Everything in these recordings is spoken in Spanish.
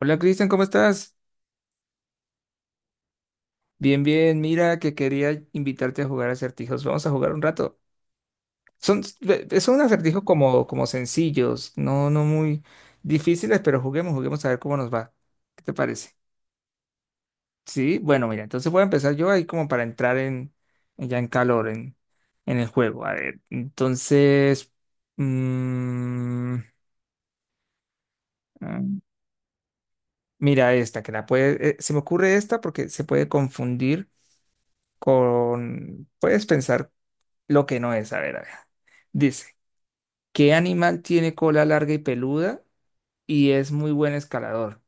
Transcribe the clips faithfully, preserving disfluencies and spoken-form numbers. Hola Cristian, ¿cómo estás? Bien, bien, mira que quería invitarte a jugar acertijos. Vamos a jugar un rato. Son, son acertijos como, como sencillos, no, no muy difíciles, pero juguemos, juguemos a ver cómo nos va. ¿Qué te parece? Sí, bueno, mira, entonces voy a empezar yo ahí como para entrar en, ya en calor en, en el juego. A ver, entonces, mm, ah, mira esta, que la puede, eh, se me ocurre esta porque se puede confundir con, puedes pensar lo que no es, a ver, a ver. Dice, ¿qué animal tiene cola larga y peluda y es muy buen escalador?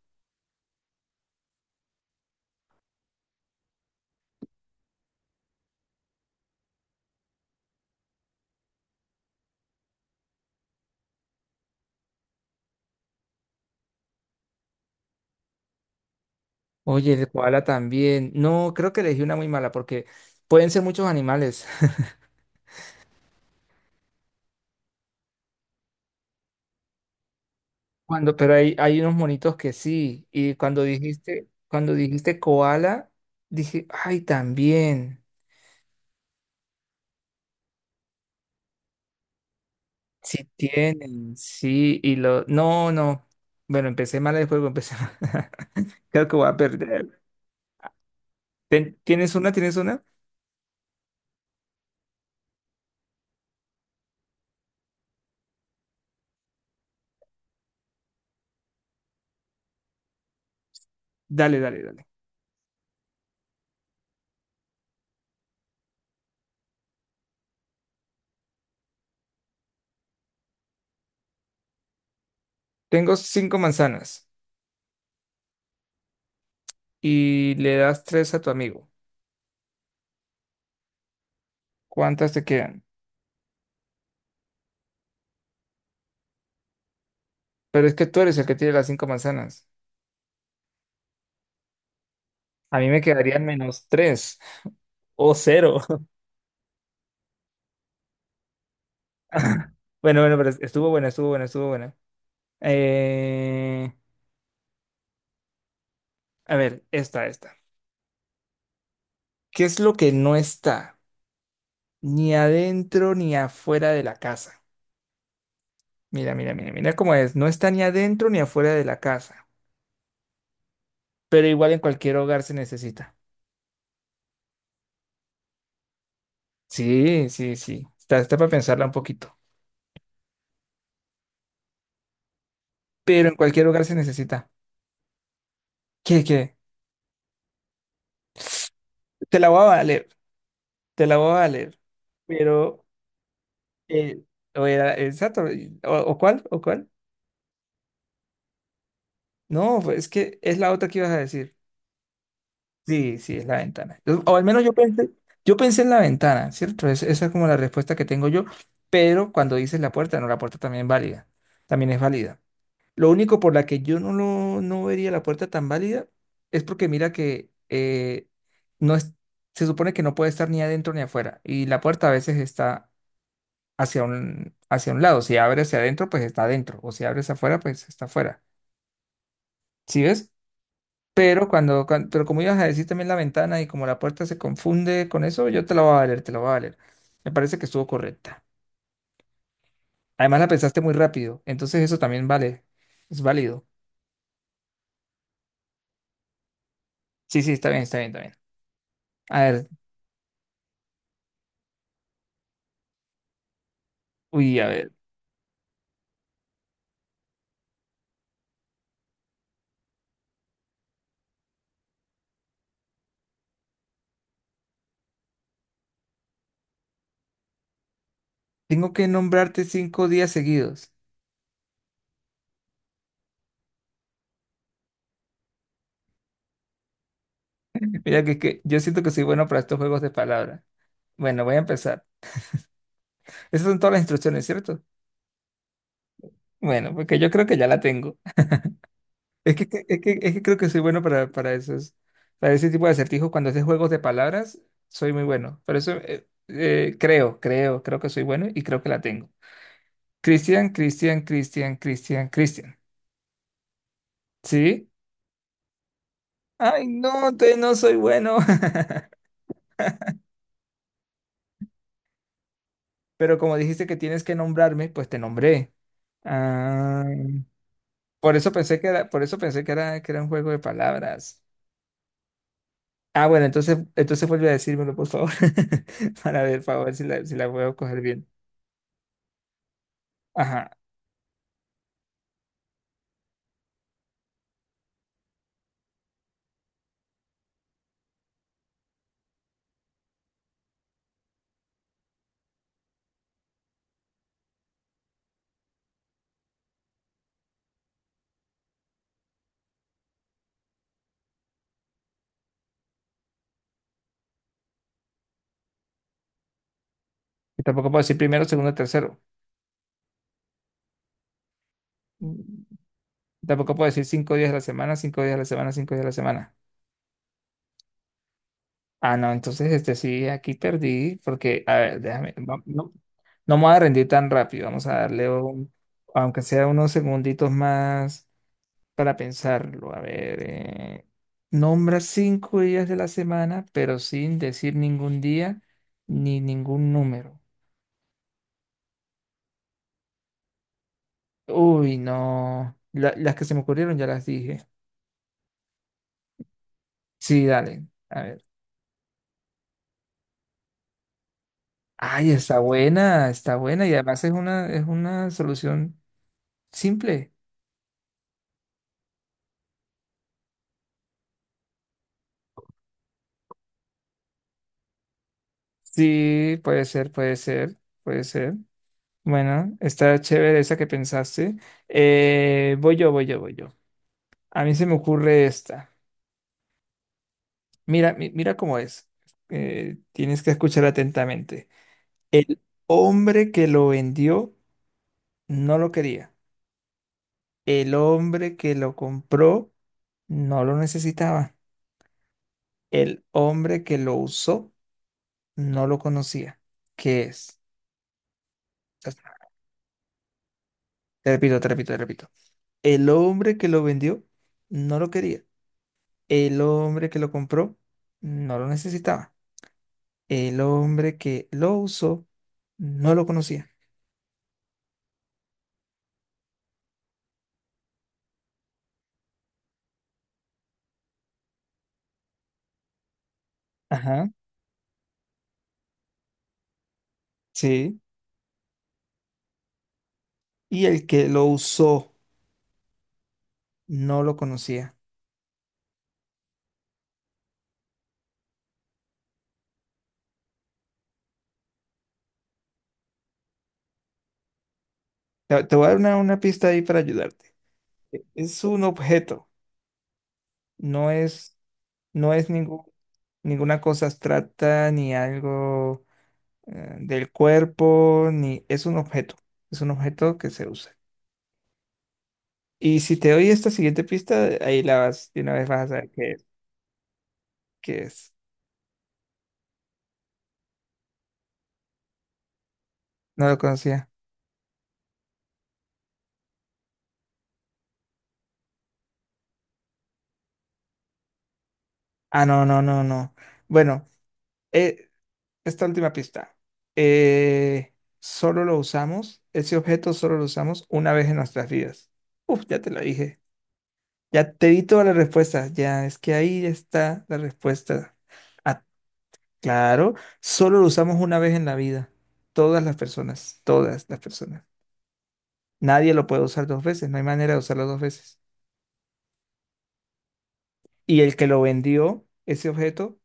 Oye, el koala también. No, creo que elegí una muy mala porque pueden ser muchos animales. Cuando, pero hay, hay unos monitos que sí. Y cuando dijiste, cuando dijiste koala, dije, ay, también. Sí tienen, sí. Y lo, no, no. Bueno, empecé mal el juego, empecé mal. Creo que voy a perder. Ten- ¿Tienes una? ¿Tienes una? Dale, dale, dale. Tengo cinco manzanas y le das tres a tu amigo. ¿Cuántas te quedan? Pero es que tú eres el que tiene las cinco manzanas. A mí me quedarían menos tres o cero. Bueno, bueno, pero estuvo buena, estuvo buena, estuvo buena. Eh, a ver, esta, esta. ¿Qué es lo que no está ni adentro ni afuera de la casa? Mira, mira, mira, mira cómo es. No está ni adentro ni afuera de la casa, pero igual en cualquier hogar se necesita. Sí, sí, sí. Está, está para pensarla un poquito. Pero en cualquier lugar se necesita. ¿Qué, qué? Te la voy a valer, te la voy a valer. Pero, eh, o era, exacto, y- o, o cuál, o cuál. No, pues es que es la otra que ibas a decir. Sí, sí, es la ventana. Yo- O al menos yo pensé, yo pensé en la ventana, ¿cierto? Es- esa es como la respuesta que tengo yo, pero cuando dices la puerta, no, la puerta también es válida, también es válida. Lo único por la que yo no lo no vería la puerta tan válida es porque mira que eh, no es, se supone que no puede estar ni adentro ni afuera. Y la puerta a veces está hacia un, hacia un lado. Si abre hacia adentro, pues está adentro. O si abres afuera, pues está afuera. ¿Sí ves? Pero cuando, cuan- pero como ibas a decir también la ventana y como la puerta se confunde con eso, yo te la voy a valer, te la voy a valer. Me parece que estuvo correcta. Además la pensaste muy rápido. Entonces eso también vale. Es válido. Sí, sí, está bien, está bien, está bien. A ver. Uy, a ver. Tengo que nombrarte cinco días seguidos. Mira que, que yo siento que soy bueno para estos juegos de palabras. Bueno, voy a empezar. Esas son todas las instrucciones, ¿cierto? Bueno, porque yo creo que ya la tengo. Es que, que- es que, es que creo que soy bueno para, para esos, para ese tipo de acertijos. Cuando es de juegos de palabras, soy muy bueno. Por eso eh, eh, creo, creo, creo que soy bueno y creo que la tengo. Cristian, Cristian, Cristian, Cristian, Cristian. ¿Sí? Ay, no, te no soy bueno. Pero como dijiste que tienes que nombrarme, pues te nombré. Ah, por eso pensé que era, por eso pensé que era, que era un juego de palabras. Ah, bueno, entonces, entonces vuelve a decírmelo, por favor, para ver, para ver si la, si la puedo coger bien. Ajá. Y tampoco puedo decir primero, segundo, tercero. Mm, Tampoco puedo decir cinco días a la semana, cinco días a la semana, cinco días a la semana. Ah, no, entonces este sí, aquí perdí, porque, a ver, déjame, va- no, no me voy a rendir tan rápido, vamos a darle un, aunque sea unos segunditos más. Para pensarlo, a ver, eh, nombra cinco días de la semana, pero sin decir ningún día ni ningún número. Uy, no. La- las que se me ocurrieron ya las dije. Sí, dale. A ver. Ay, está buena, está buena. Y además es una, es una solución simple. Sí, puede ser, puede ser, puede ser. Bueno, está chévere esa que pensaste. Eh, voy yo, voy yo, voy yo. A mí se me ocurre esta. Mira, mi- mira cómo es. Eh, tienes que escuchar atentamente. El hombre que lo vendió no lo quería. El hombre que lo compró no lo necesitaba. El hombre que lo usó no lo conocía. ¿Qué es? Te repito, te repito, te repito. El hombre que lo vendió no lo quería. El hombre que lo compró no lo necesitaba. El hombre que lo usó no lo conocía. Ajá. Sí. Y el que lo usó no lo conocía. Te, te voy a dar una, una pista ahí para ayudarte. E- Es un objeto, no es, no es ningún, ninguna cosa abstracta ni algo eh, del cuerpo, ni es un objeto, es un objeto que se usa. Y si te doy esta siguiente pista, ahí la vas, de una vez vas a saber qué, qué es. No lo conocía. Ah, no, no, no, no. Bueno, eh, esta última pista. Eh, solo lo usamos, ese objeto solo lo usamos una vez en nuestras vidas. Uf, ya te lo dije. Ya te di todas las respuestas. Ya es que ahí está la respuesta. Ah, claro, solo lo usamos una vez en la vida. Todas las personas, todas las personas. Nadie lo puede usar dos veces, no hay manera de usarlo dos veces. Y el que lo vendió, ese objeto,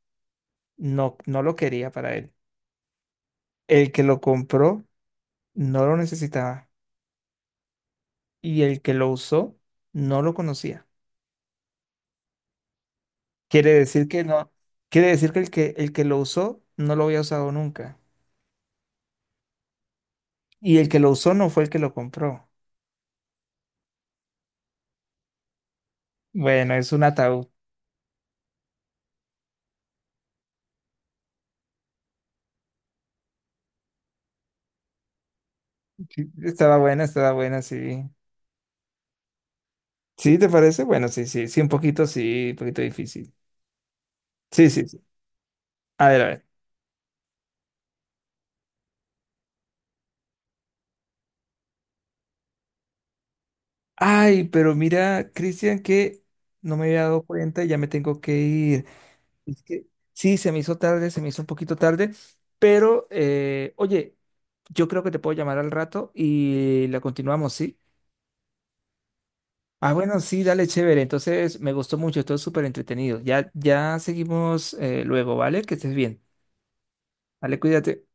no, no lo quería para él. El que lo compró, no lo necesitaba. Y el que lo usó no lo conocía. Quiere decir que no, quiere decir que el que, el que lo usó no lo había usado nunca. Y el que lo usó no fue el que lo compró. Bueno, es un ataúd. Sí, estaba buena, estaba buena, sí. ¿Sí te parece? Bueno, sí, sí, sí, un poquito, sí, un poquito difícil. Sí, sí, sí. A ver, a ver. Ay, pero mira, Cristian, que no me había dado cuenta y ya me tengo que ir. Es que sí, se me hizo tarde, se me hizo un poquito tarde, pero eh, oye, yo creo que te puedo llamar al rato y la continuamos, ¿sí? Ah, bueno, sí, dale, chévere. Entonces, me gustó mucho, estuvo súper entretenido. Ya, ya seguimos eh, luego, ¿vale? Que estés bien. Dale, cuídate.